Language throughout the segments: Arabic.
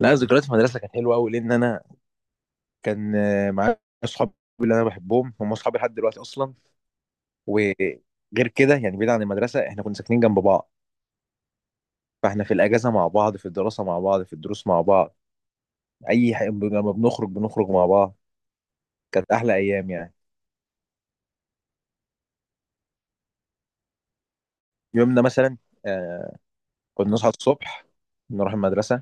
لا، ذكريات في المدرسه كانت حلوه قوي لان انا كان معايا اصحابي اللي انا بحبهم. هم اصحابي لحد دلوقتي اصلا. وغير كده يعني بعيد عن المدرسه، احنا كنا ساكنين جنب بعض. فاحنا في الاجازه مع بعض، في الدراسه مع بعض، في الدروس مع بعض. اي حاجه لما بنخرج بنخرج مع بعض. كانت احلى ايام يعني. يومنا مثلا آه، كنا نصحى الصبح، نروح المدرسه،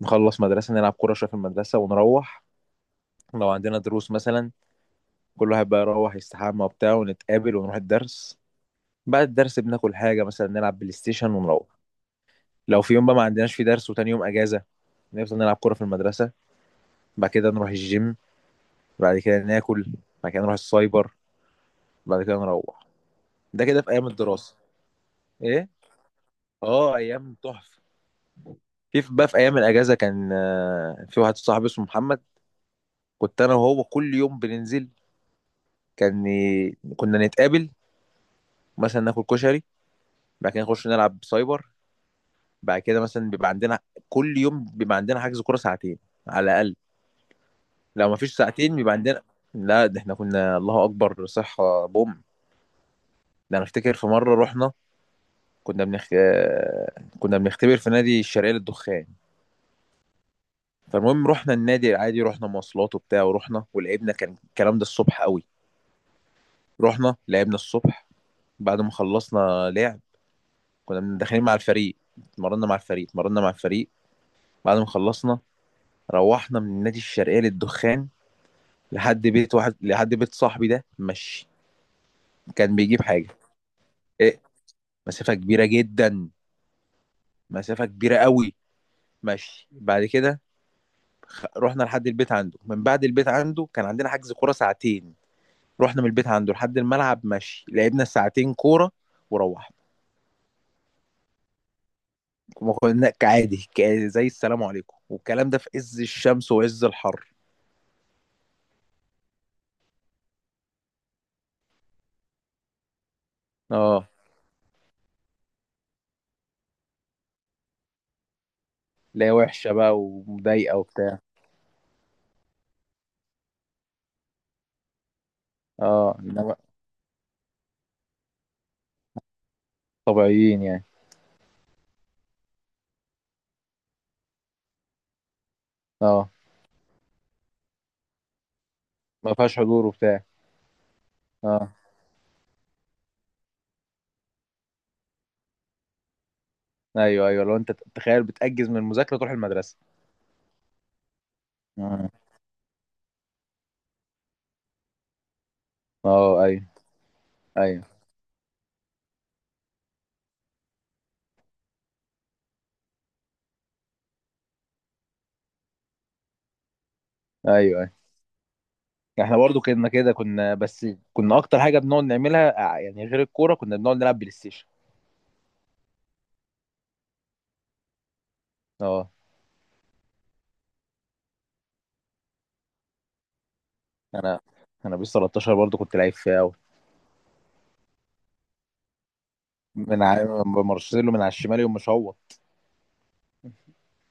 نخلص مدرسه، نلعب كوره شويه في المدرسه ونروح. لو عندنا دروس مثلا، كل واحد بقى يروح يستحمى وبتاع ونتقابل ونروح الدرس. بعد الدرس بناكل حاجة، مثلا نلعب بلاي ستيشن ونروح. لو في يوم بقى ما عندناش في درس وتاني يوم أجازة، نفضل نلعب كورة في المدرسة. بعد كده نروح الجيم، بعد كده ناكل، بعد كده نروح السايبر، بعد كده نروح. ده كده في أيام الدراسة. إيه؟ آه، أيام تحفة. بقى في أيام الأجازة كان في واحد صاحبي اسمه محمد. كنت أنا وهو كل يوم بننزل. كنا نتقابل، مثلا ناكل كشري، بعد كده نخش نلعب سايبر، بعد كده مثلا بيبقى عندنا، كل يوم بيبقى عندنا حجز كورة ساعتين على الأقل. لو ما فيش ساعتين بيبقى عندنا. لا ده احنا كنا الله اكبر صحة بوم. ده انا افتكر في مرة رحنا، كنا بنختبر في نادي الشرقية للدخان. فالمهم رحنا النادي العادي، رحنا مواصلات وبتاع ورحنا ولعبنا. كان الكلام ده الصبح قوي. رحنا لعبنا الصبح، بعد ما خلصنا لعب كنا داخلين مع الفريق، اتمرنا مع الفريق. بعد ما خلصنا روحنا من النادي الشرقية للدخان لحد بيت واحد، لحد بيت صاحبي ده، مشي. كان بيجيب حاجة. ايه، مسافة كبيرة جدا، مسافة كبيرة قوي. ماشي بعد كده، رحنا لحد البيت عنده. من بعد البيت عنده كان عندنا حجز كورة ساعتين. رحنا من البيت عنده لحد الملعب ماشي، لعبنا ساعتين كورة وروحنا. ما كنا كعادي زي السلام عليكم، والكلام ده في عز الشمس وعز الحر. اه. لا، وحشة بقى ومضايقة وبتاع. اه، انما طبيعيين يعني. اه، ما فيهاش حضور وبتاع. اه ايوه، ايوه لو انت تخيل بتأجز من المذاكرة تروح المدرسة. مم. اه ايوه. ايوه ايوه. احنا برضو كنا كده، كنا بس كنا اكتر حاجه بنقعد نعملها يعني غير الكوره كنا بنقعد نلعب بلاي ستيشن. اه انا انا بيس 13 برضو كنت لعيب فيها قوي. مارسيلو من على الشمال يوم، مش هو؟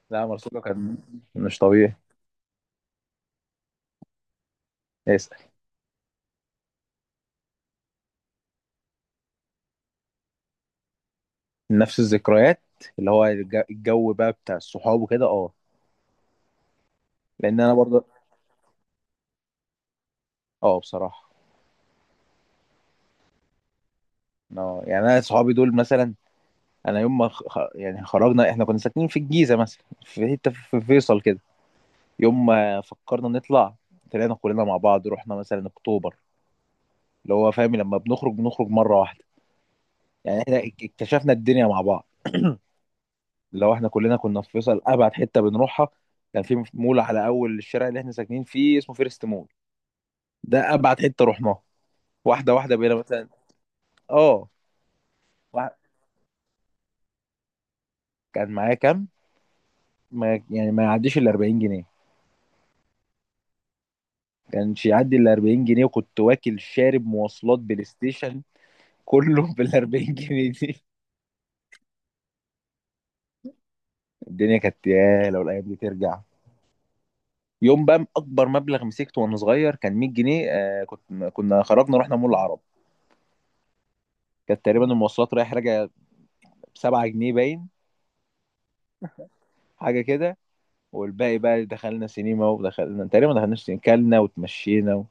لا مارسيلو كان مش طبيعي. اسال. نفس الذكريات، اللي هو الجو بقى بتاع الصحاب وكده، اه. لان انا برضو، اه بصراحه. اه يعني انا صحابي دول مثلا، انا يوم ما يعني خرجنا، احنا كنا ساكنين في الجيزه مثلا في حته في فيصل كده. يوم ما فكرنا نطلع، طلعنا كلنا مع بعض، رحنا مثلا اكتوبر. اللي هو فاهم لما بنخرج بنخرج مره واحده، يعني احنا اكتشفنا الدنيا مع بعض. لو احنا كلنا كنا في فيصل، ابعد حته بنروحها كان في مول على اول الشارع اللي احنا ساكنين فيه اسمه فيرست مول. ده ابعد حته رحناها. واحده واحده بقينا مثلا. اه. واحد- كان معايا كام؟ ما يعني، ما يعديش ال 40 جنيه. كانش يعدي ال 40 جنيه، وكنت واكل شارب مواصلات بلاي ستيشن، كله بال 40 جنيه دي. الدنيا كانت، يا لو الايام دي ترجع. يوم بقى اكبر مبلغ مسكته وانا صغير كان 100 جنيه. آه، كنت كنا خرجنا رحنا مول العرب. كانت تقريبا المواصلات رايح راجع ب 7 جنيه باين، حاجه كده. والباقي بقى دخلنا سينما، ودخلنا تقريبا، ما دخلناش سينما كلنا وتمشينا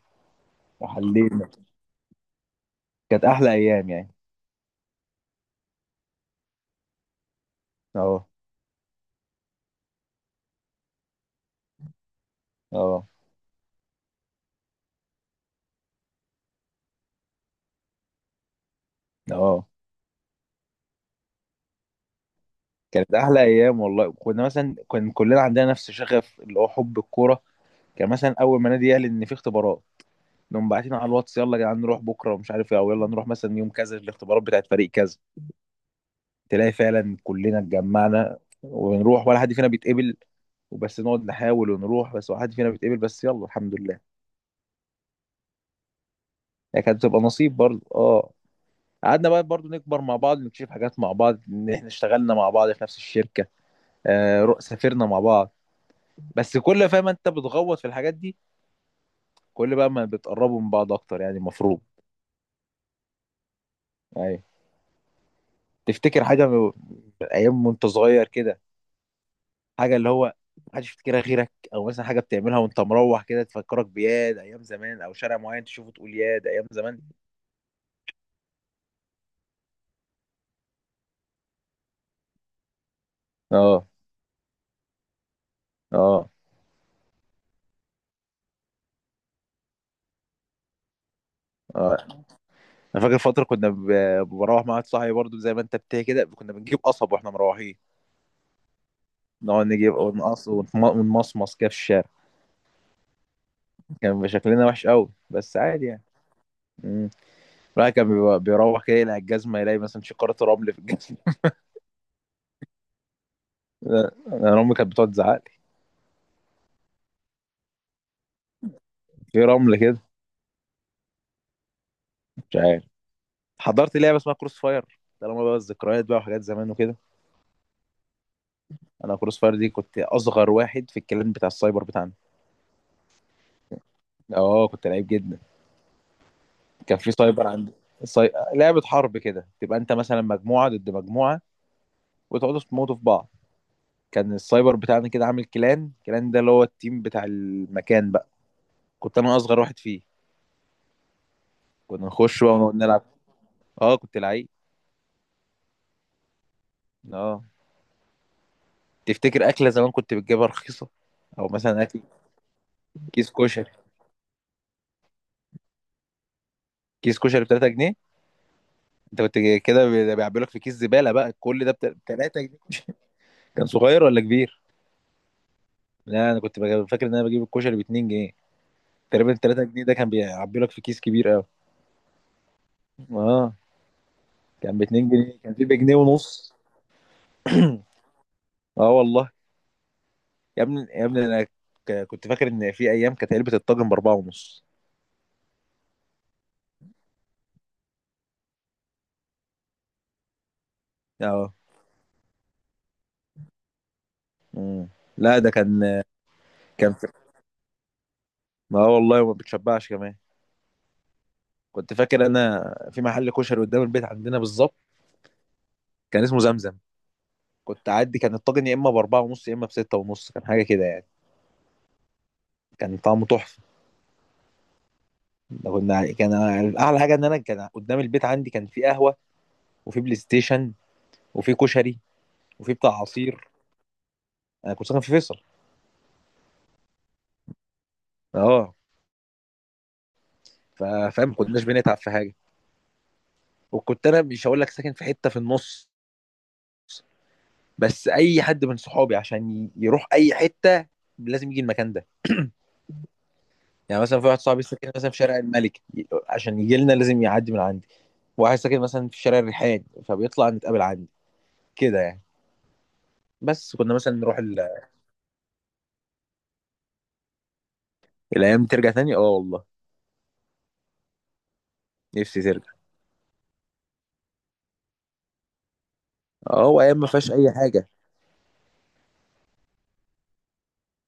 وحلينا. كانت احلى ايام يعني. اه اه اه، كانت احلى ايام والله. كنا مثلا كان كلنا عندنا نفس شغف اللي هو حب الكوره. كان مثلا اول ما نادي يعلن ان في اختبارات، نقوم باعتين على الواتس يلا يا جدعان نروح بكره ومش عارف ايه، او يلا نروح مثلا يوم كذا الاختبارات بتاعت فريق كذا. تلاقي فعلا كلنا اتجمعنا ونروح ولا حد فينا بيتقبل، وبس نقعد نحاول ونروح بس ولا حد فينا بيتقبل، بس يلا الحمد لله. هي كانت بتبقى نصيب برضه، اه. قعدنا بقى برضه نكبر مع بعض، نكتشف حاجات مع بعض، ان احنا اشتغلنا مع بعض في نفس الشركة، سافرنا مع بعض. بس كل، فاهم انت بتغوط في الحاجات دي، كل بقى ما بتقربوا من بعض اكتر يعني المفروض. ايوه. تفتكر حاجة من، من ايام وانت صغير كده، حاجه اللي هو محدش يفتكرها غيرك، او مثلا حاجه بتعملها وانت مروح كده تفكرك بياد ايام زمان، او شارع معين تشوفه تقول ياد ايام زمان؟ اه اه. اه انا فاكر فتره كنا بروح مع واحد صاحبي برضو، زي ما انت بتحكي كده كنا بنجيب قصب واحنا مروحين. نقعد نجيب ونقص ونمصمص كده في الشارع. كان بيبقى شكلنا وحش قوي، بس عادي يعني. امم. بيروح كده يلاقي الجزمه، يلاقي مثلا شقاره رمل في الجزمه. انا امي كانت بتقعد تزعق لي. في رمل كده. مش عارف. حضرت لعبه اسمها كروس فاير. طالما بقى الذكريات بقى وحاجات زمان وكده، انا كروس فاير دي كنت اصغر واحد في الكلان بتاع السايبر بتاعنا. اه كنت لعيب جدا. كان في سايبر عند، لعبه حرب كده، تبقى انت مثلا مجموعه ضد مجموعه وتقعدوا تموتوا في بعض. كان السايبر بتاعنا كده عامل كلان، الكلان ده اللي هو التيم بتاع المكان بقى. كنت انا اصغر واحد فيه. كنا نخش بقى ونقعد نلعب. اه كنت لعيب. اه. تفتكر اكله زمان كنت بتجيبها رخيصه؟ او مثلا اكل كيس كشري. كيس كشري ب 3 جنيه. انت كنت كده بيعبي لك في كيس زباله بقى كل ده 3 جنيه. كان صغير ولا كبير؟ لا انا كنت فاكر ان انا بجيب الكشري ب 2 جنيه. تقريبا ال 3 جنيه ده كان بيعبي لك في كيس كبير قوي. اه. كان ب 2 جنيه، كان في بجنيه ونص. اه والله. يا ابني يا ابني انا، كنت فاكر ان في ايام كانت علبه الطاجن باربعه ونص. اه. مم. لا ده كان، كان في... اه والله ما بتشبعش كمان. كنت فاكر انا في محل كشري قدام البيت عندنا بالظبط، كان اسمه زمزم. كنت اعدي كان الطاجن يا اما باربعه ونص يا اما بسته ونص، كان حاجه كده يعني. كان طعمه تحفه. ده كنا يعني، كان اعلى حاجه ان انا كان قدام البيت عندي كان في قهوه، وفي بلاي ستيشن، وفي كشري، وفي بتاع عصير. انا كنت ساكن في فيصل. اه. ف- فاهم، ما كناش بنتعب في حاجه. وكنت انا مش هقول لك ساكن في حته في النص، بس اي حد من صحابي عشان يروح اي حته لازم يجي المكان ده. يعني مثلا في واحد صاحبي ساكن مثلا في شارع الملك، عشان يجي لنا لازم يعدي من عندي. واحد ساكن مثلا في شارع الريحان فبيطلع نتقابل عندي. كده يعني. بس كنا مثلا نروح ال... الايام دي ترجع تاني، اه والله نفسي ترجع. اه، وايام ما فيهاش اي حاجه.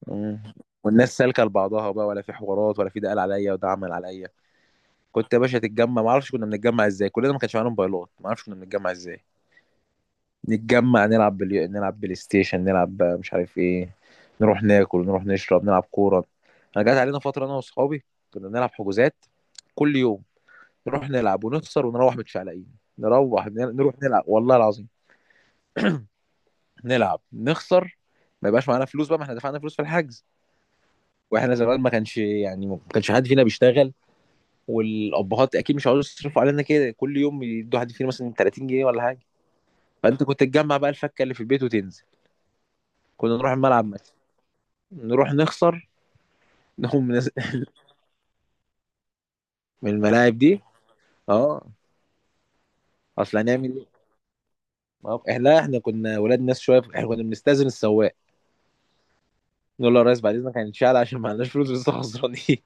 مم. والناس سالكه لبعضها بقى، ولا في حوارات، ولا في ده قال عليا وده عمل عليا. كنت يا باشا تتجمع، ما اعرفش كنا بنتجمع ازاي، كلنا ما كانش معانا موبايلات، ما اعرفش كنا بنتجمع ازاي. نتجمع نلعب بلاي ستيشن، نلعب بقى مش عارف ايه، نروح ناكل، نروح نشرب، نلعب كوره. انا جات علينا فتره انا واصحابي كنا بنلعب حجوزات كل يوم. نروح نلعب ونخسر، ونروح متشعلقين. نروح، نروح نلعب والله العظيم، نلعب نخسر، ما يبقاش معانا فلوس بقى، ما احنا دفعنا فلوس في الحجز. واحنا زمان ما كانش يعني، ما كانش حد فينا بيشتغل، والابهات اكيد مش عاوزين يصرفوا علينا كده كل يوم، يدوا حد فينا مثلا 30 جنيه ولا حاجه. فانت كنت تجمع بقى الفكه اللي في البيت وتنزل. كنا نروح الملعب مثلا، نروح نخسر، نقوم نز- من الملاعب دي، اه. اصل هنعمل ايه؟ ما هو- احنا، لا احنا كنا ولاد ناس شويه، احنا كنا بنستاذن السواق نقول له يا ريس بعد اذنك هنتشال، عشان ما عندناش فلوس لسه خسرانين.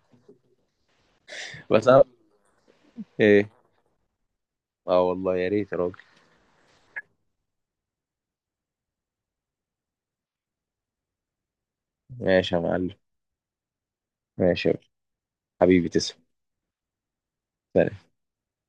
بس ايه، اه والله يا ريت يا راجل. ماشي يا معلم. ماشي يا حبيبي، تسلم. سلام.